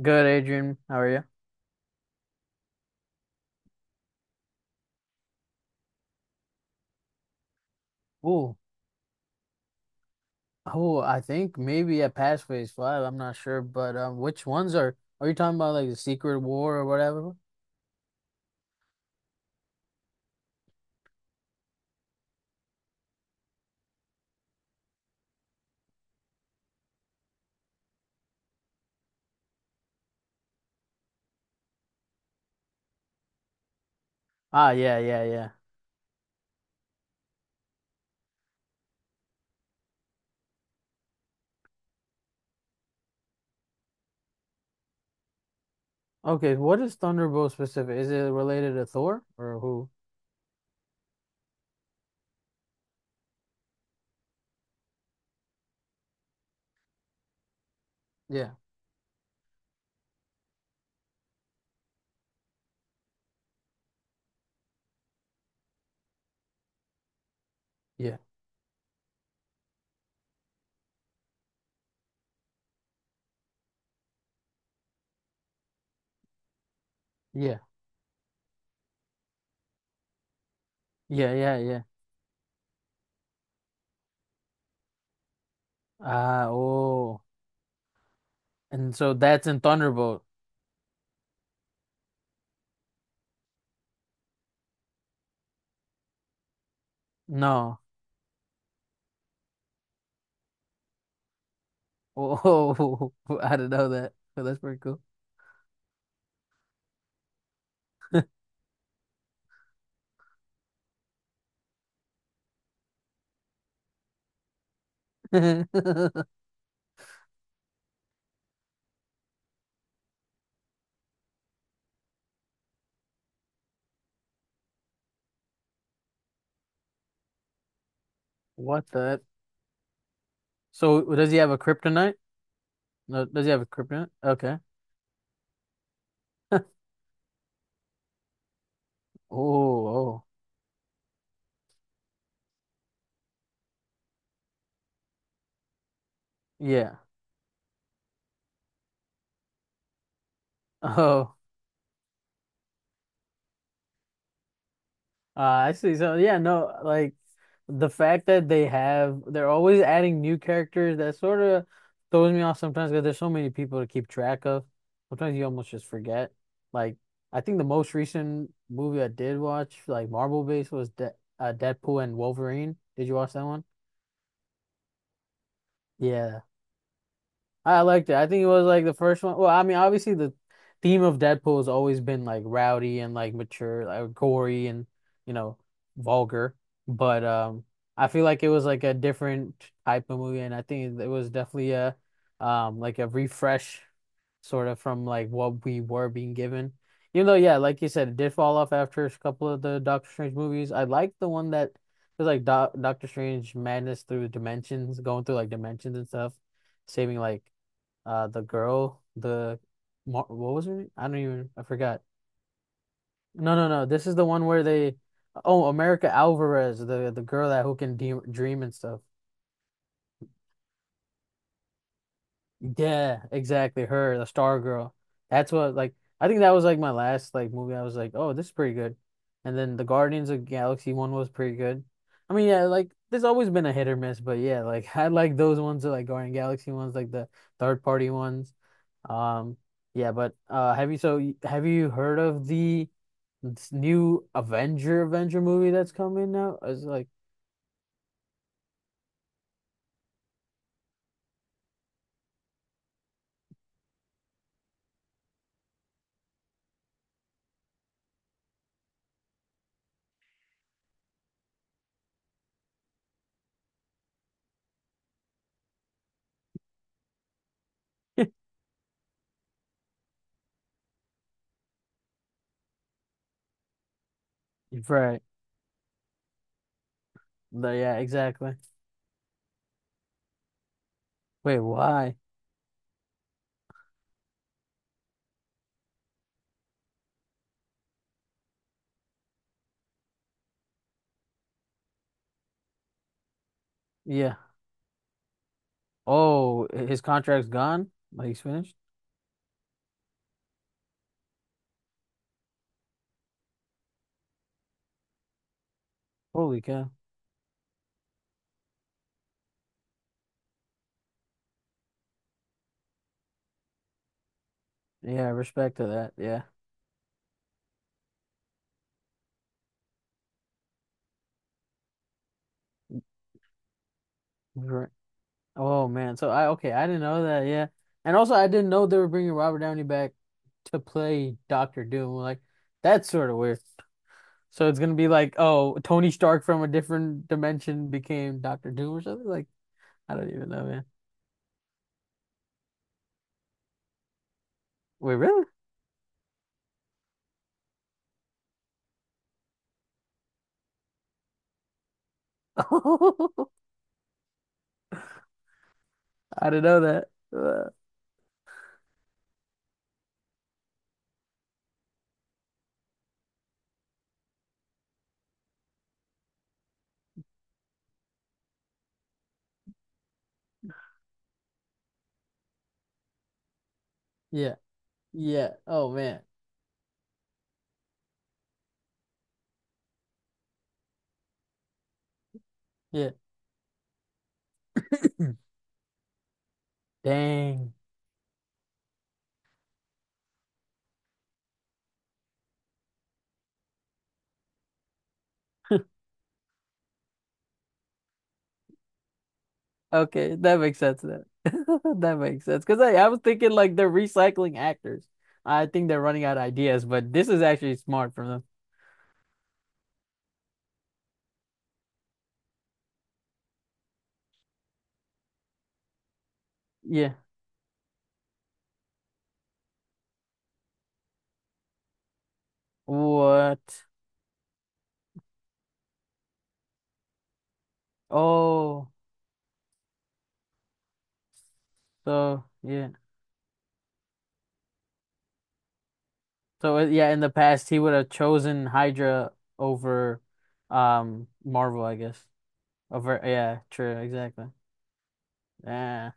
Good, Adrian. How are you? Ooh, oh, I think maybe at Pathways Five. I'm not sure, but which ones are you talking about? Like the Secret War or whatever? Ah, yeah, yeah, yeah. Okay, what is Thunderbolt specific? Is it related to Thor or who? Yeah, yeah, yeah, yeah, yeah, yeah. Ah, oh, and so that's in Thunderbolt. No, oh, I didn't know that. So that's pretty cool. What the? So does he have a kryptonite? No, does he have a kryptonite? Okay. Oh, oh, yeah. Oh, I see. So, yeah, no, like the fact that they have, they're always adding new characters that sort of throws me off sometimes because there's so many people to keep track of. Sometimes you almost just forget. Like, I think the most recent movie I did watch, like Marvel based, was De Deadpool and Wolverine. Did you watch that one? Yeah, I liked it. I think it was like the first one. Well, I mean, obviously the theme of Deadpool has always been like rowdy and like mature, like gory and you know, vulgar. But I feel like it was like a different type of movie, and I think it was definitely a like a refresh sort of from like what we were being given. Even though, yeah, like you said, it did fall off after a couple of the Doctor Strange movies. I liked the one that was like Do Doctor Strange Madness through dimensions, going through like dimensions and stuff saving like the girl, the Mar what was her? I don't even I forgot. No, no, no. This is the one where they oh, America Alvarez, the girl that who can de dream and stuff. Yeah, exactly. Her, the Star Girl. That's what like I think that was like my last like movie. I was like, oh, this is pretty good. And then the Guardians of Galaxy one was pretty good. I mean, yeah, like there's always been a hit or miss, but yeah, like I like those ones, the, like Guardian Galaxy ones, like the third party ones. Um, yeah, but have you have you heard of the this new Avenger movie that's coming out? It's like, right, yeah, exactly. Wait, why? Yeah. Oh, his contract's gone? Like he's finished? Holy cow. Yeah, respect to that. Yeah. Right. Oh man. So I okay, I didn't know that. Yeah. And also I didn't know they were bringing Robert Downey back to play Doctor Doom. Like that's sort of weird. So it's gonna be like, oh, Tony Stark from a different dimension became Doctor Doom or something? Like, I don't even know, man. Wait, really? I didn't know that. Uh, yeah. Yeah. Oh man. Yeah. Dang. Okay, that makes sense then. That makes sense. Because I was thinking like they're recycling actors. I think they're running out of ideas, but this is actually smart from them. Yeah. What? Oh, so yeah. So yeah, in the past he would have chosen Hydra over Marvel, I guess. Over yeah, true, exactly. Yeah.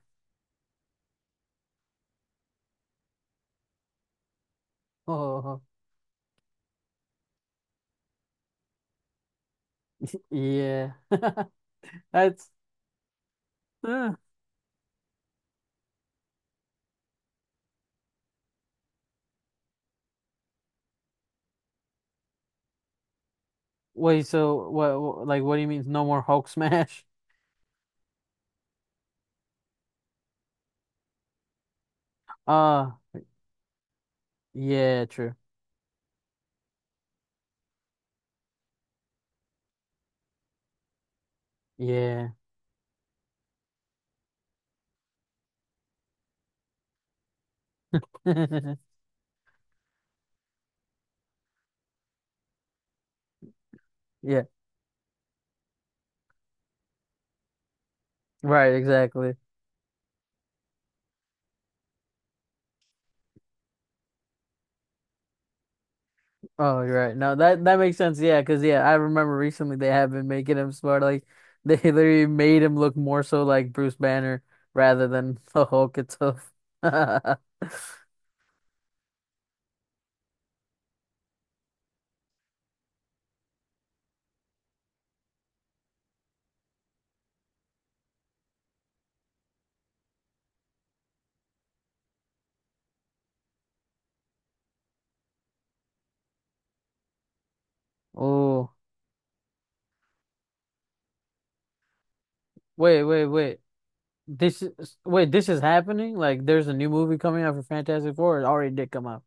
Oh, yeah. That's uh, wait, so what like what do you mean no more Hulk smash? Uh yeah, true. Yeah. Yeah. Right, exactly. Oh, you're right. No, that makes sense. Yeah, 'cause yeah, I remember recently they have been making him smart. Like they literally made him look more so like Bruce Banner rather than the Hulk itself. Oh, wait. This is wait, this is happening? Like there's a new movie coming out for Fantastic Four. It already did come out.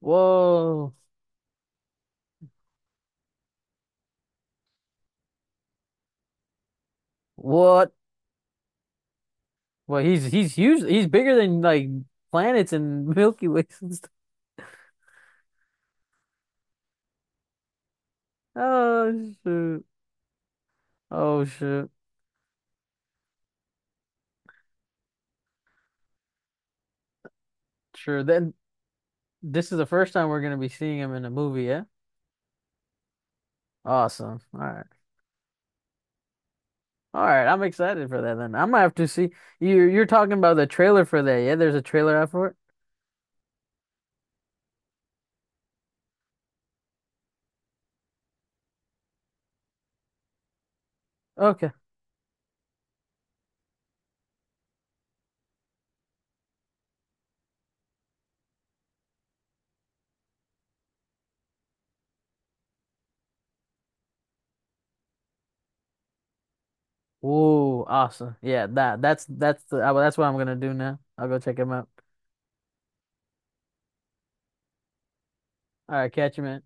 Whoa. What? Well, he's huge. He's bigger than like planets and Milky Ways and stuff. Oh, shoot. Oh, sure. Sure. Then this is the first time we're gonna be seeing him in a movie, yeah? Awesome. All right. All right. I'm excited for that then. I'm gonna have to see you're talking about the trailer for that, yeah? There's a trailer out for it? Okay. Whoa, awesome. Yeah, that's well, that's what I'm gonna do now. I'll go check him out. All right, catch you, man.